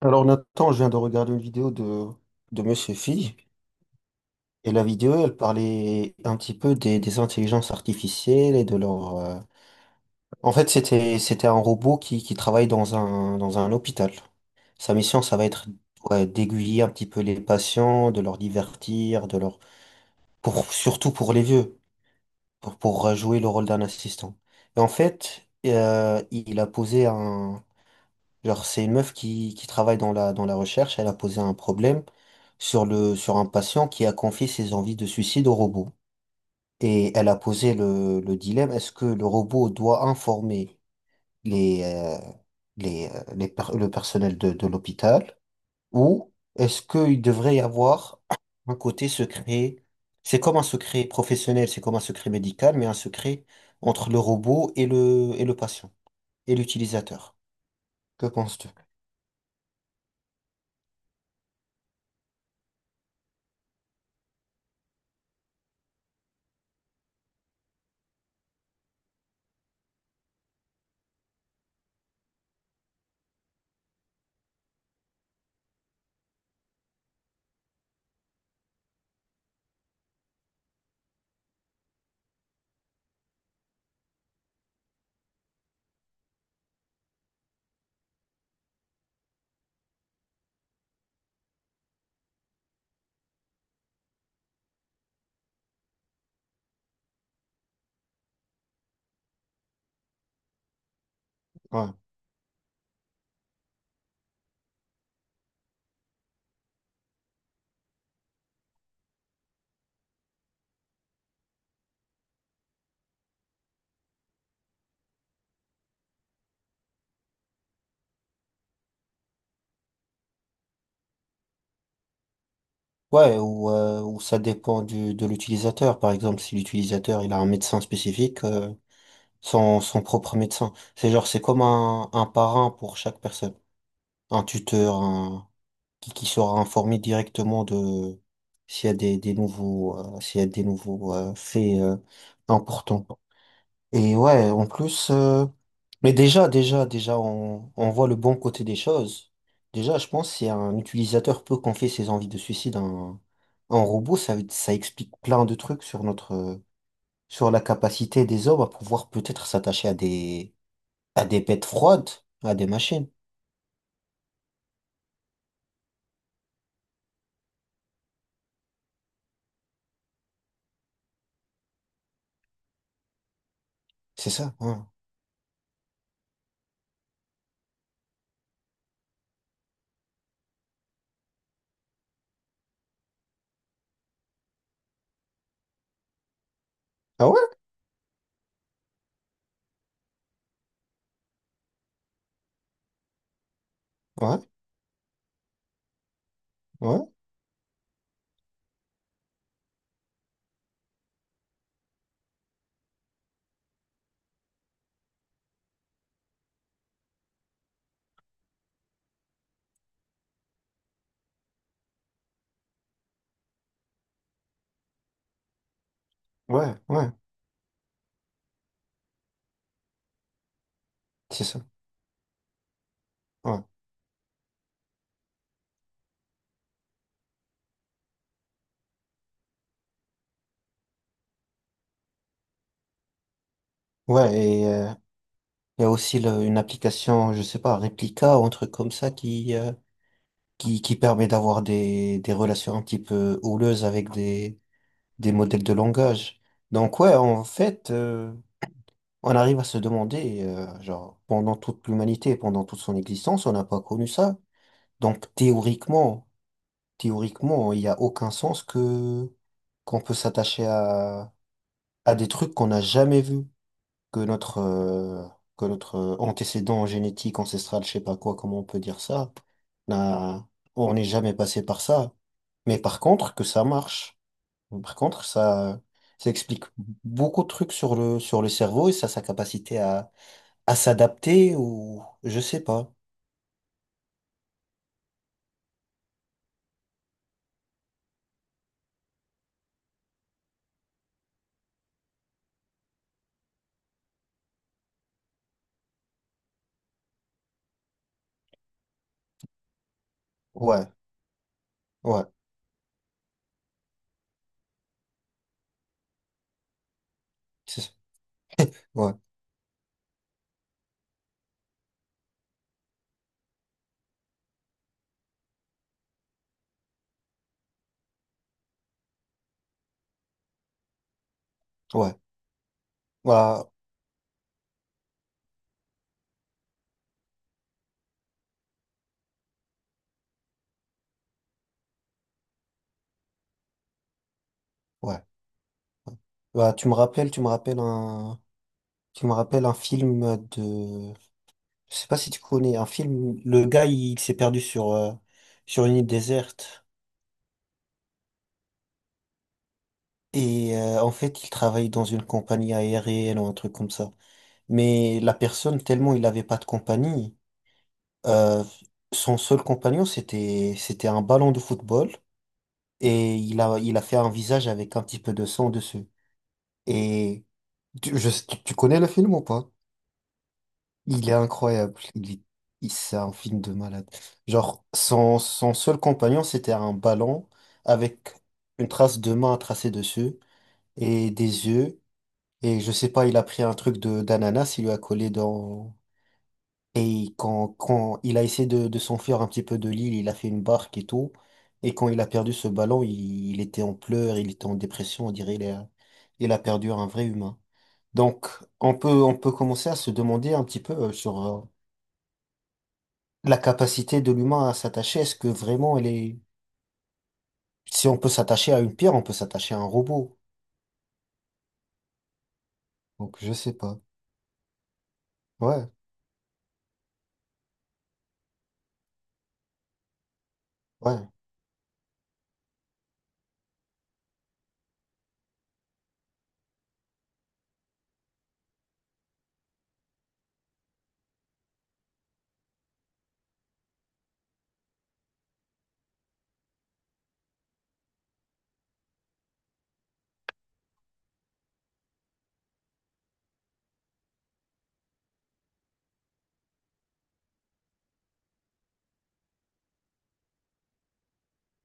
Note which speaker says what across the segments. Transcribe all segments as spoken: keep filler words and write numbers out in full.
Speaker 1: Alors Nathan, je viens de regarder une vidéo de, de Monsieur Phi, et la vidéo, elle parlait un petit peu des, des intelligences artificielles et de leur... euh, En fait, c'était, c'était un robot qui, qui travaille dans un, dans un hôpital. Sa mission, ça va être ouais, d'aiguiller un petit peu les patients, de leur divertir, de leur... Pour, surtout pour les vieux, pour, pour euh, jouer le rôle d'un assistant. Et en fait, euh, il a posé un... Genre, c'est une meuf qui, qui travaille dans la, dans la recherche. Elle a posé un problème sur le, sur un patient qui a confié ses envies de suicide au robot. Et elle a posé le, le dilemme, est-ce que le robot doit informer les, euh, les, euh, les per- le personnel de, de l'hôpital ou est-ce qu'il devrait y avoir un côté secret? C'est comme un secret professionnel, c'est comme un secret médical, mais un secret entre le robot et le, et le patient et l'utilisateur. Que penses-tu? Ouais. Ouais, ou, euh, ou ça dépend du, de l'utilisateur. Par exemple, si l'utilisateur il a un médecin spécifique, euh, son, son propre médecin. C'est genre, c'est comme un, un parrain pour chaque personne. Un tuteur un- qui, qui sera informé directement de s'il y a des, des nouveaux, euh, s'il y a des nouveaux euh, faits euh, importants. Et ouais, en plus, euh, mais déjà, déjà, déjà, on, on voit le bon côté des choses. Déjà, je pense si un utilisateur peut confier ses envies de suicide à un, à un robot, ça, ça explique plein de trucs sur notre, euh, sur la capacité des hommes à pouvoir peut-être s'attacher à des, à des bêtes froides, à des machines. C'est ça, ouais. Ah ouais? Ouais, ouais, ouais, ouais, c'est ça, ouais. Ouais, et euh, il y a aussi le- une application, je sais pas, Replica ou un truc comme ça qui, euh, qui, qui permet d'avoir des, des relations un petit peu houleuses avec des, des modèles de langage. Donc ouais, en fait, euh, on arrive à se demander, euh, genre, pendant toute l'humanité, pendant toute son existence, on n'a pas connu ça. Donc théoriquement, théoriquement, il n'y a aucun sens que qu'on peut s'attacher à, à des trucs qu'on n'a jamais vus, que notre, euh, que notre euh, antécédent génétique, ancestral, je sais pas quoi, comment on peut dire ça, n'a- on n'est jamais passé par ça. Mais par contre, que ça marche. Par contre, ça, ça explique beaucoup de trucs sur le, sur le cerveau et ça, sa capacité à, à s'adapter ou je sais pas. Ouais, ouais, c'est ça. Ouais, ouais, bah, ouais. Bah, tu me rappelles, tu me rappelles un, tu me rappelles un film de, je sais pas si tu connais, un film, le gars, il, s'est perdu sur, euh, sur une île déserte et euh, en fait, il travaille dans une compagnie aérienne ou un truc comme ça. Mais la personne, tellement il n'avait pas de compagnie, euh, son seul compagnon, c'était, c'était un ballon de football et il a, il a fait un visage avec un petit peu de sang dessus. Et tu, je- tu tu connais le film ou pas? Il est incroyable. Il est, il- c'est un film de malade. Genre, son, son seul compagnon, c'était un ballon avec une trace de main tracée dessus et des yeux. Et je sais pas, il a pris un truc de d'ananas, il lui a collé dans. Et il- quand, quand il a essayé de, de s'enfuir un petit peu de l'île, il a fait une barque et tout. Et quand il a perdu ce ballon, il, il était en pleurs, il était en dépression, on dirait il a, il a perdu un vrai humain. Donc, on peut, on peut commencer à se demander un petit peu euh, sur euh, la capacité de l'humain à s'attacher. Est-ce que vraiment elle est... Si on peut s'attacher à une pierre, on peut s'attacher à un robot. Donc, je sais pas. Ouais, ouais.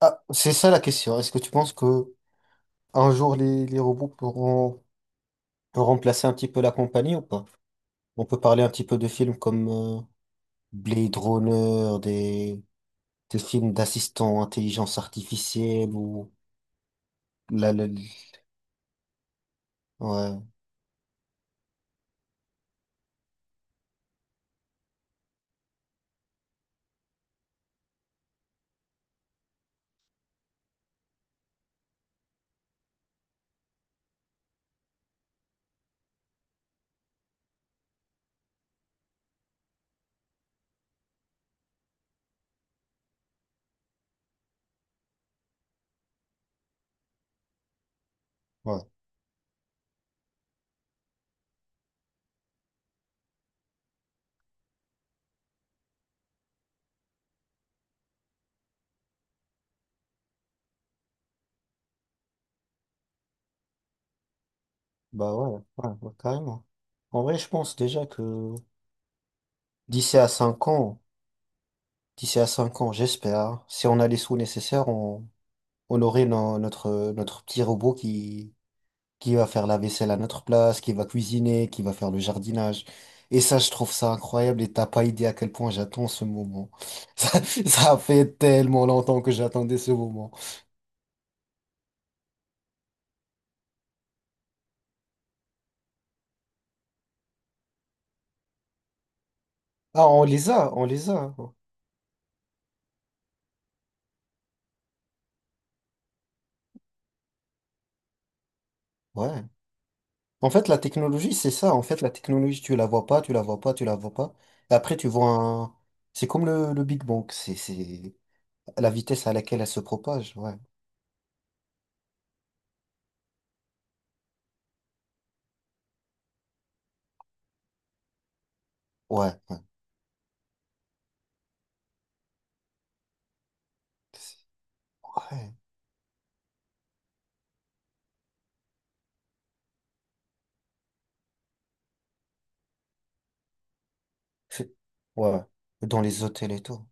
Speaker 1: Ah, c'est ça la question. Est-ce que tu penses que un jour les, les robots pourront pourront remplacer un petit peu la compagnie ou pas? On peut parler un petit peu de films comme euh, Blade Runner, des, des films d'assistants, intelligence artificielle ou la, la- ouais, ouais, bah ouais, ouais, ouais, carrément. En vrai, je pense déjà que d'ici à cinq ans, d'ici à cinq ans, j'espère, si on a les sous nécessaires, on, on aurait no- notre, notre petit robot qui, qui va faire la vaisselle à notre place, qui va cuisiner, qui va faire le jardinage. Et ça, je trouve ça incroyable et t'as pas idée à quel point j'attends ce moment. Ça, ça fait tellement longtemps que j'attendais ce moment. Ah, on les a, on les a. Ouais. En fait, la technologie, c'est ça. En fait, la technologie, tu la vois pas, tu la vois pas, tu la vois pas. Et après, tu vois un... C'est comme le, le Big Bang. C'est, c'est la vitesse à laquelle elle se propage. Ouais. Ouais. Ouais. C'est- Ouais. C'est- Ouais. Dans les hôtels et tout.